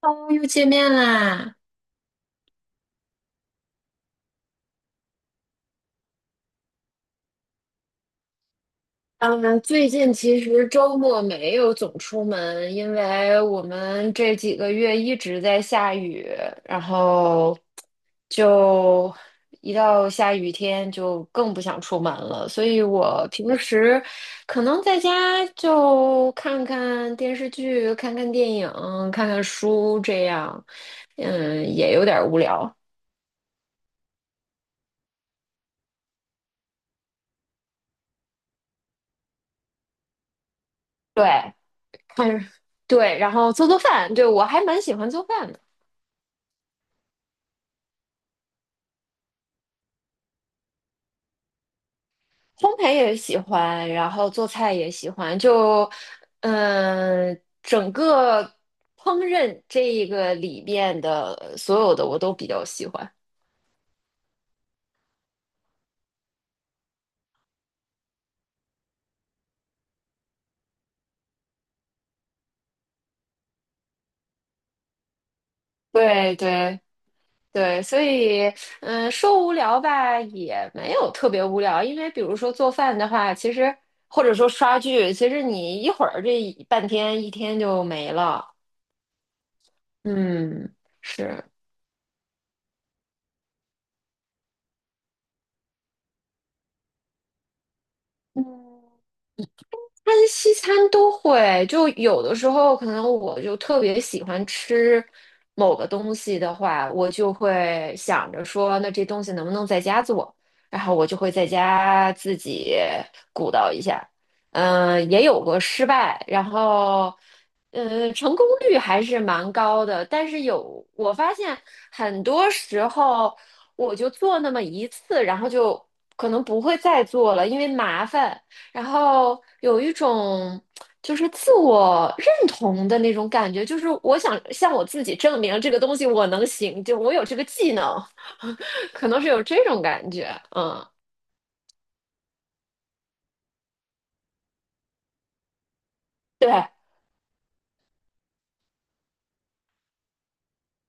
哦又见面啦！嗯，最近其实周末没有总出门，因为我们这几个月一直在下雨，然后就一到下雨天就更不想出门了。所以我平时可能在家就看看电视剧、看看电影、看看书这样，也有点无聊。对，看，对，然后做做饭，对，我还蛮喜欢做饭的。烘焙也喜欢，然后做菜也喜欢，就整个烹饪这一个里边的所有的我都比较喜欢。对对对，所以说无聊吧也没有特别无聊，因为比如说做饭的话，其实或者说刷剧，其实你一会儿这一半天一天就没了。嗯，是。嗯但是西餐都会，就有的时候可能我就特别喜欢吃某个东西的话，我就会想着说，那这东西能不能在家做？然后我就会在家自己鼓捣一下。也有过失败，然后，成功率还是蛮高的。但是有，我发现很多时候我就做那么一次，然后就可能不会再做了，因为麻烦。然后有一种就是自我认同的那种感觉，就是我想向我自己证明这个东西我能行，就我有这个技能，可能是有这种感觉。嗯，对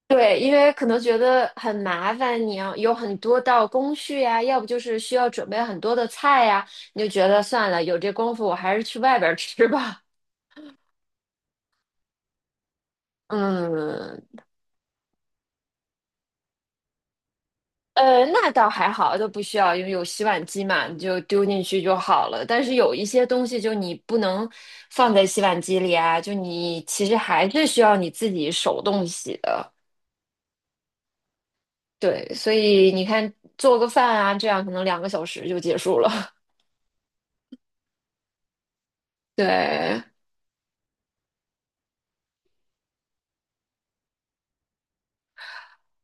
对，因为可能觉得很麻烦，你要有很多道工序呀、要不就是需要准备很多的菜呀、你就觉得算了，有这功夫我还是去外边儿吃吧。嗯，那倒还好，都不需要，因为有洗碗机嘛，你就丢进去就好了。但是有一些东西，就你不能放在洗碗机里啊，就你其实还是需要你自己手动洗的。对，所以你看，做个饭啊，这样可能两个小时就结束了。对，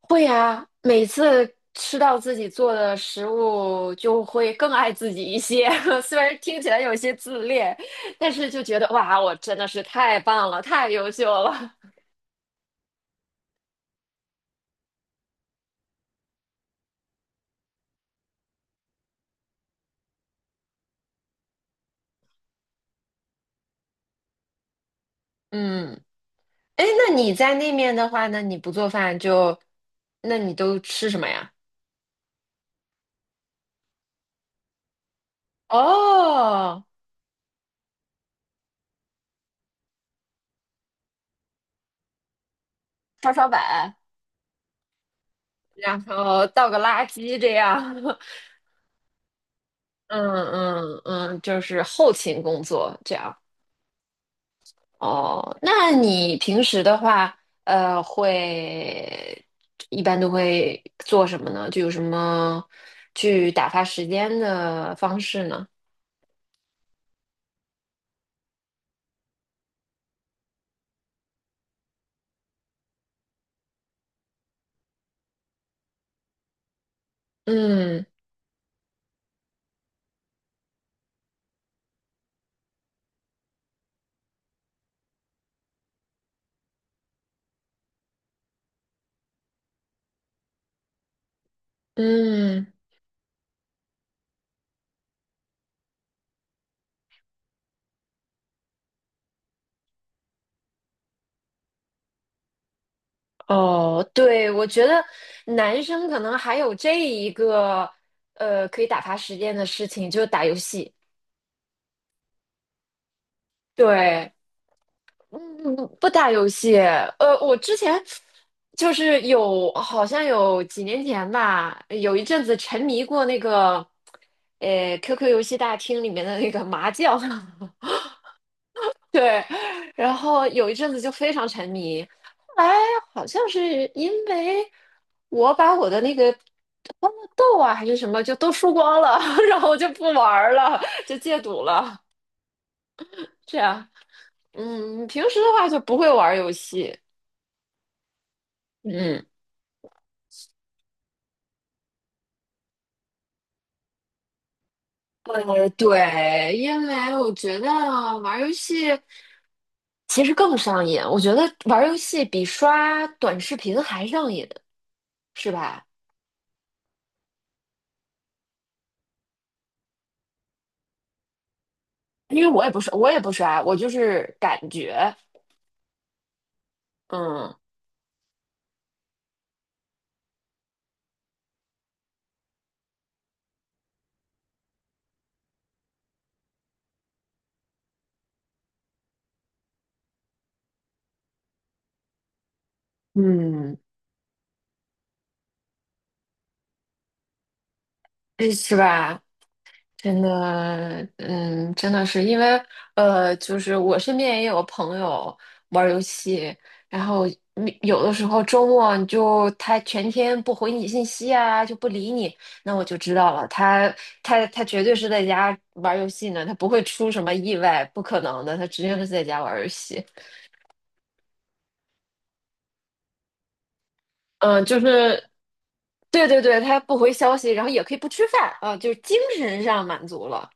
会啊，每次吃到自己做的食物，就会更爱自己一些。虽然听起来有些自恋，但是就觉得哇，我真的是太棒了，太优秀了。嗯。哎，那你在那面的话呢，那你不做饭就，那你都吃什么呀？哦，刷刷碗，然后倒个垃圾这样，嗯嗯嗯，就是后勤工作这样。哦，那你平时的话，会一般都会做什么呢？就有什么去打发时间的方式呢？嗯嗯。哦，对，我觉得男生可能还有这一个可以打发时间的事情，就是打游戏。对，嗯，不打游戏。我之前就是有，好像有几年前吧，有一阵子沉迷过那个QQ 游戏大厅里面的那个麻将。对，然后有一阵子就非常沉迷，后来好像是因为我把我的那个欢乐豆啊还是什么就都输光了，然后我就不玩儿了，就戒赌了。这样，平时的话就不会玩儿游戏，嗯。对，因为我觉得玩儿游戏其实更上瘾，我觉得玩儿游戏比刷短视频还上瘾，是吧？因为我也不刷，我也不刷，我就是感觉。嗯，嗯，诶是吧？真的，真的是因为，就是我身边也有朋友玩儿游戏，然后你有的时候周末你就他全天不回你信息啊，就不理你，那我就知道了，他绝对是在家玩儿游戏呢，他不会出什么意外，不可能的，他直接是在家玩儿游戏。就是对对对，他不回消息，然后也可以不吃饭啊，就是精神上满足了。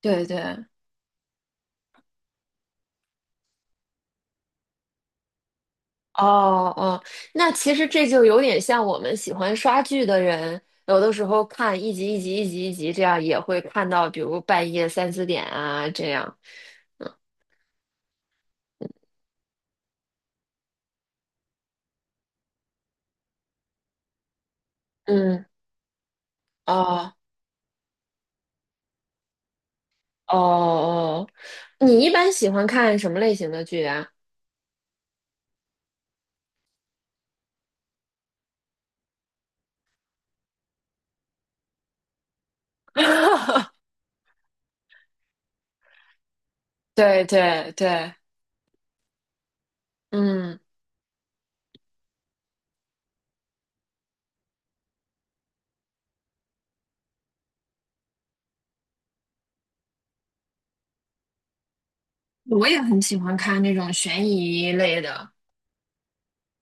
对对，哦哦，那其实这就有点像我们喜欢刷剧的人，有的时候看一集一集一集一集，这样也会看到，比如半夜三四点啊这样。嗯，哦哦哦，你一般喜欢看什么类型的剧啊？对对对，嗯，我也很喜欢看那种悬疑类的。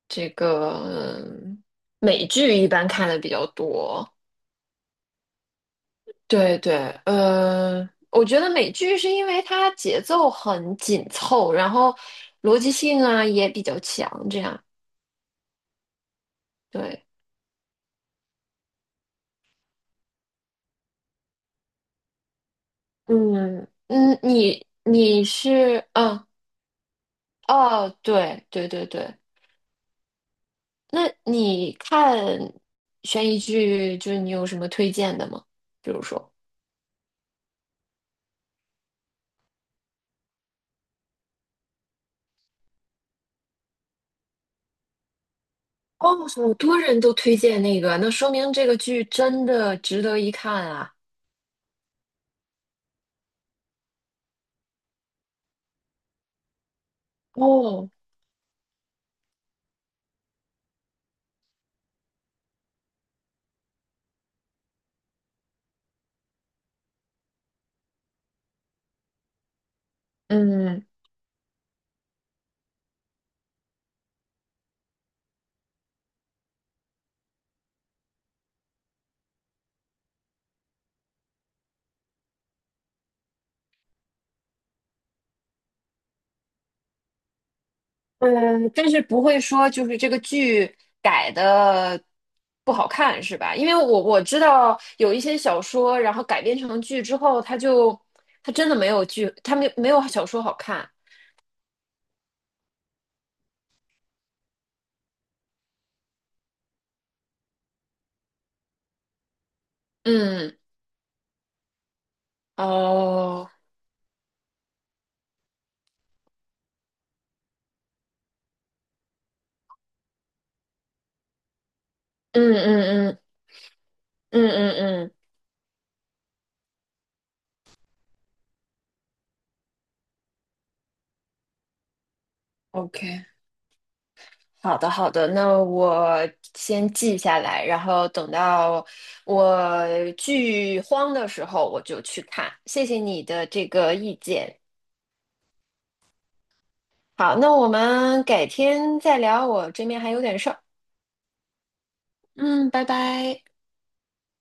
这个嗯美剧一般看的比较多。对对，我觉得美剧是因为它节奏很紧凑，然后逻辑性啊也比较强，这样。对，嗯嗯，你你是嗯哦，对对对对，那你看悬疑剧，就是你有什么推荐的吗？比如说，哦，好多人都推荐那个，那说明这个剧真的值得一看啊。哦，嗯。嗯，但是不会说就是这个剧改的不好看是吧？因为我知道有一些小说，然后改编成剧之后，它真的没有剧，它没有小说好看。嗯，哦，嗯嗯嗯嗯嗯嗯，OK，好的好的，那我先记下来，然后等到我剧荒的时候我就去看。谢谢你的这个意见。好，那我们改天再聊，我这边还有点事儿。嗯，拜拜。